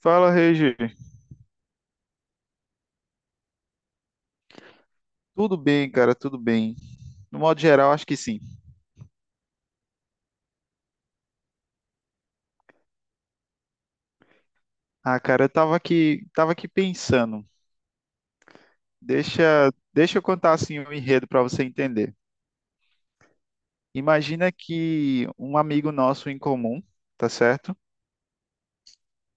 Fala, Regi. Tudo bem, cara? Tudo bem. No modo geral, acho que sim. Ah, cara, eu tava aqui pensando. Deixa, deixa eu contar assim o enredo para você entender. Imagina que um amigo nosso em comum, tá certo?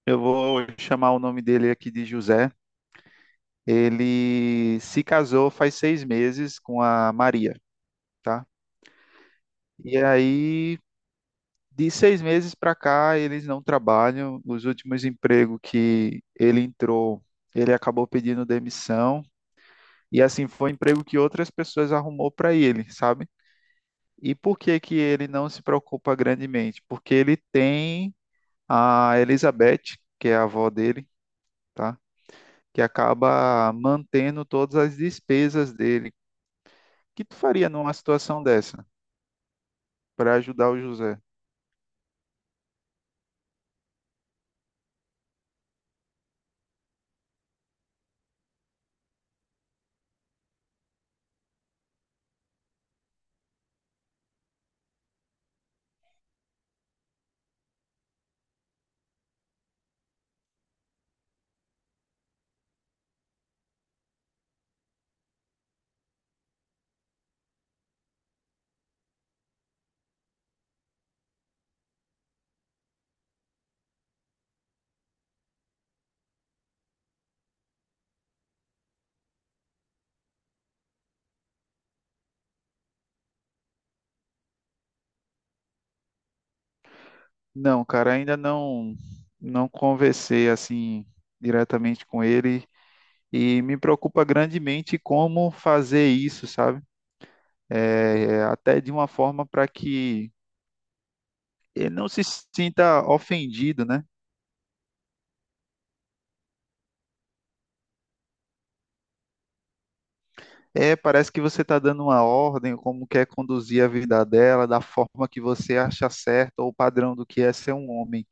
Eu vou chamar o nome dele aqui de José. Ele se casou faz 6 meses com a Maria, tá? E aí, de 6 meses para cá, eles não trabalham. Os últimos empregos que ele entrou, ele acabou pedindo demissão. E assim, foi um emprego que outras pessoas arrumou para ele, sabe? E por que que ele não se preocupa grandemente? Porque ele tem a Elizabeth, que é a avó dele, tá? Que acaba mantendo todas as despesas dele. O que tu faria numa situação dessa para ajudar o José? Não, cara, ainda não conversei assim diretamente com ele e me preocupa grandemente como fazer isso, sabe? É, até de uma forma para que ele não se sinta ofendido, né? É, parece que você está dando uma ordem, como quer conduzir a vida dela, da forma que você acha certa ou o padrão do que é ser um homem.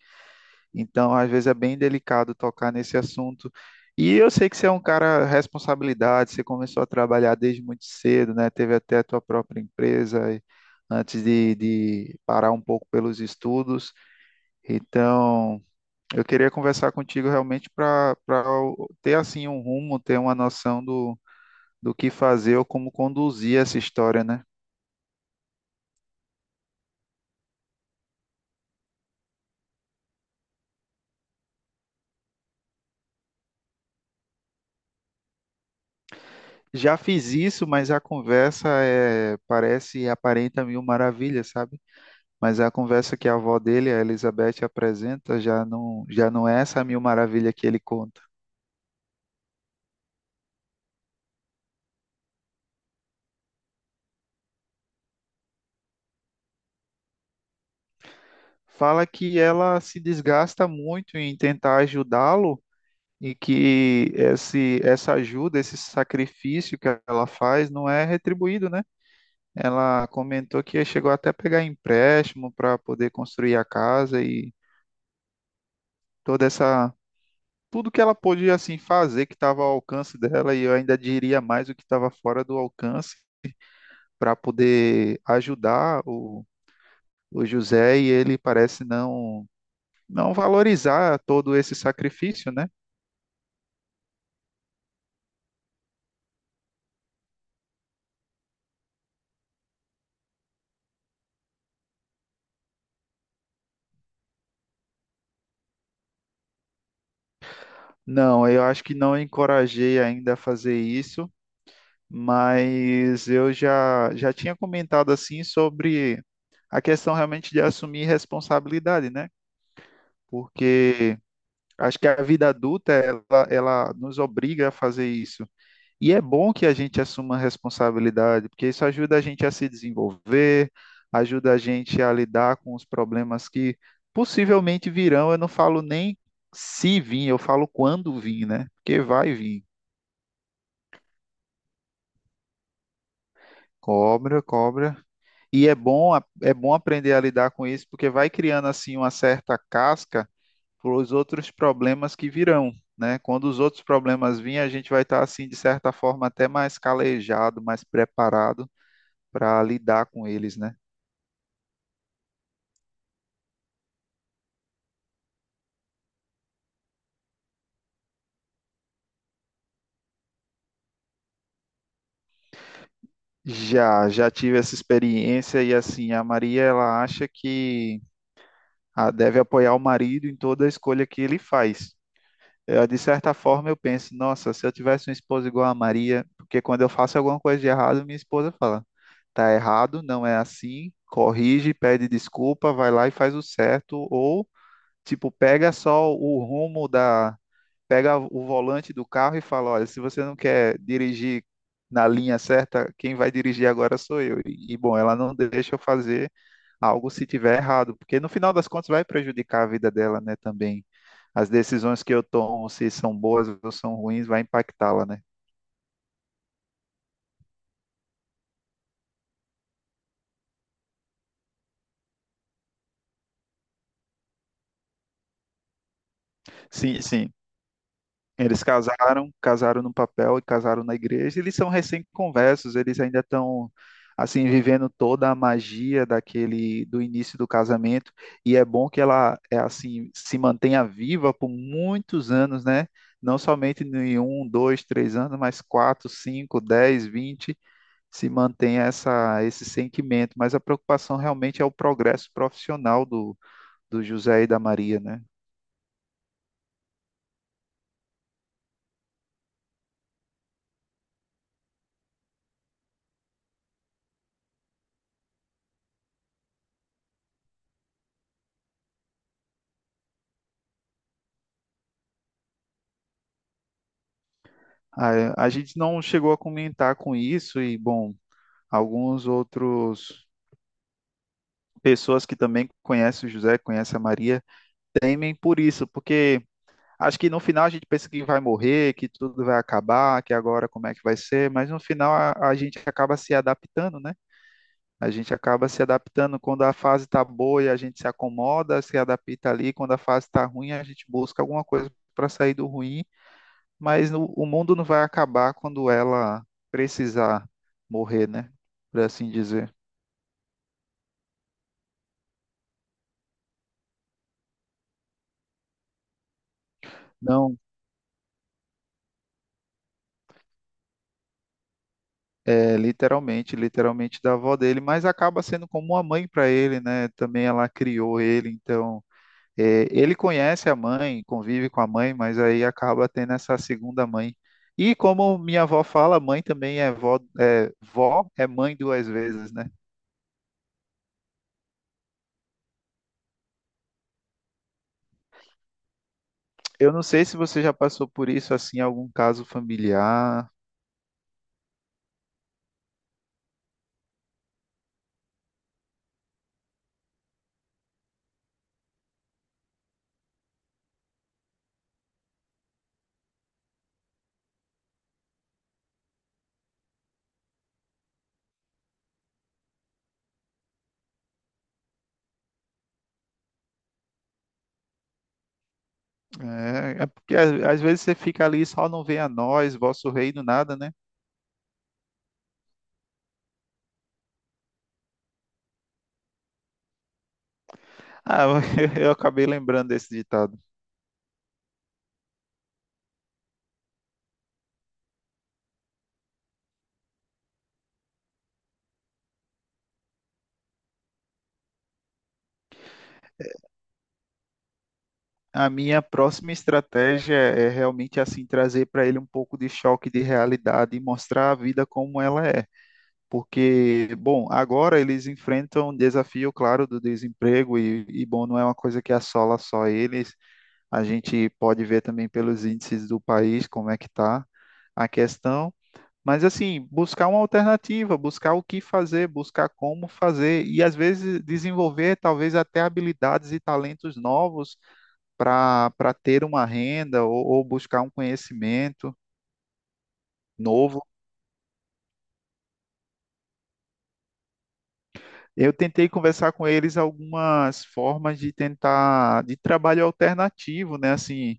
Então, às vezes é bem delicado tocar nesse assunto. E eu sei que você é um cara responsabilidade, você começou a trabalhar desde muito cedo, né? Teve até a tua própria empresa antes de parar um pouco pelos estudos. Então, eu queria conversar contigo realmente para ter assim um rumo, ter uma noção do que fazer ou como conduzir essa história, né? Já fiz isso, mas a conversa é, parece e aparenta mil maravilhas, sabe? Mas é a conversa que a avó dele, a Elizabeth, apresenta já não é essa mil maravilha que ele conta. Fala que ela se desgasta muito em tentar ajudá-lo e que essa ajuda, esse sacrifício que ela faz não é retribuído, né? Ela comentou que chegou até a pegar empréstimo para poder construir a casa e toda essa tudo que ela podia assim fazer que estava ao alcance dela, e eu ainda diria mais o que estava fora do alcance para poder ajudar o José, e ele parece não valorizar todo esse sacrifício, né? Não, eu acho que não encorajei ainda a fazer isso, mas eu já tinha comentado assim sobre a questão realmente de assumir responsabilidade, né? Porque acho que a vida adulta ela nos obriga a fazer isso. E é bom que a gente assuma a responsabilidade, porque isso ajuda a gente a se desenvolver, ajuda a gente a lidar com os problemas que possivelmente virão. Eu não falo nem se vir, eu falo quando vir, né? Porque vai vir. Cobra, cobra. E é bom aprender a lidar com isso, porque vai criando assim uma certa casca para os outros problemas que virão, né? Quando os outros problemas virem, a gente vai estar assim de certa forma até mais calejado, mais preparado para lidar com eles, né? Já tive essa experiência e, assim, a Maria ela acha que ah, deve apoiar o marido em toda a escolha que ele faz. Eu, de certa forma, eu penso, nossa, se eu tivesse uma esposa igual a Maria, porque quando eu faço alguma coisa de errado, minha esposa fala, tá errado, não é assim, corrige, pede desculpa, vai lá e faz o certo, ou tipo, pega só o rumo da pega o volante do carro e fala: olha, se você não quer dirigir na linha certa, quem vai dirigir agora sou eu. E, bom, ela não deixa eu fazer algo se tiver errado, porque no final das contas vai prejudicar a vida dela, né, também. As decisões que eu tomo, se são boas ou são ruins, vai impactá-la, né? Sim, sim. Eles casaram no papel e casaram na igreja. Eles são recém-conversos, eles ainda estão assim vivendo toda a magia daquele do início do casamento. E é bom que ela é assim se mantenha viva por muitos anos, né? Não somente em um, dois, três anos, mas quatro, cinco, dez, vinte, se mantenha essa esse sentimento. Mas a preocupação realmente é o progresso profissional do José e da Maria, né? A gente não chegou a comentar com isso e, bom, alguns outros pessoas que também conhecem o José, conhecem a Maria, temem por isso, porque acho que no final a gente pensa que vai morrer, que tudo vai acabar, que agora como é que vai ser, mas no final a gente acaba se adaptando, né? A gente acaba se adaptando quando a fase está boa, a gente se acomoda, se adapta ali, quando a fase está ruim, a gente busca alguma coisa para sair do ruim, mas o mundo não vai acabar quando ela precisar morrer, né? Por assim dizer. Não. É, literalmente, literalmente da avó dele, mas acaba sendo como uma mãe para ele, né? Também ela criou ele, então é, ele conhece a mãe, convive com a mãe, mas aí acaba tendo essa segunda mãe. E como minha avó fala, mãe também é vó, é, vó é mãe duas vezes, né? Eu não sei se você já passou por isso assim, em algum caso familiar. É porque às vezes você fica ali, só não vem a nós, vosso reino, nada, né? Ah, eu acabei lembrando desse ditado. A minha próxima estratégia é realmente assim trazer para ele um pouco de choque de realidade e mostrar a vida como ela é. Porque, bom, agora eles enfrentam um desafio, claro, do desemprego e, bom, não é uma coisa que assola só eles. A gente pode ver também pelos índices do país como é que está a questão. Mas, assim, buscar uma alternativa, buscar o que fazer, buscar como fazer e às vezes desenvolver talvez até habilidades e talentos novos para ter uma renda ou buscar um conhecimento novo. Eu tentei conversar com eles algumas formas de tentar de trabalho alternativo, né? Assim,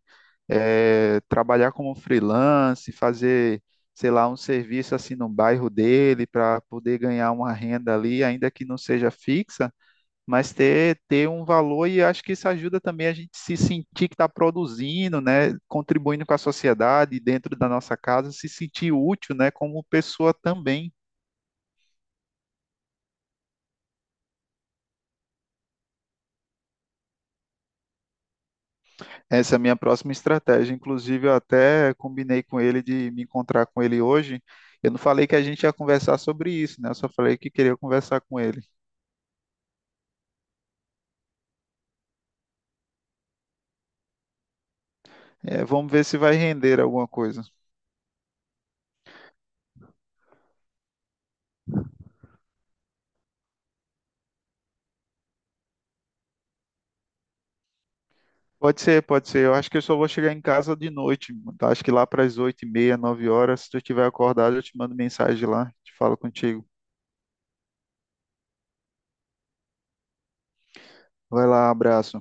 trabalhar como freelance, fazer, sei lá, um serviço assim no bairro dele para poder ganhar uma renda ali, ainda que não seja fixa, mas ter um valor, e acho que isso ajuda também a gente se sentir que está produzindo, né, contribuindo com a sociedade dentro da nossa casa, se sentir útil, né, como pessoa também. Essa é a minha próxima estratégia. Inclusive, eu até combinei com ele de me encontrar com ele hoje. Eu não falei que a gente ia conversar sobre isso, né? Eu só falei que queria conversar com ele. É, vamos ver se vai render alguma coisa. Pode ser, pode ser. Eu acho que eu só vou chegar em casa de noite, mano. Tá? Acho que lá para as 8:30, 9 horas, se tu estiver acordado, eu te mando mensagem lá, te falo contigo. Vai lá, abraço.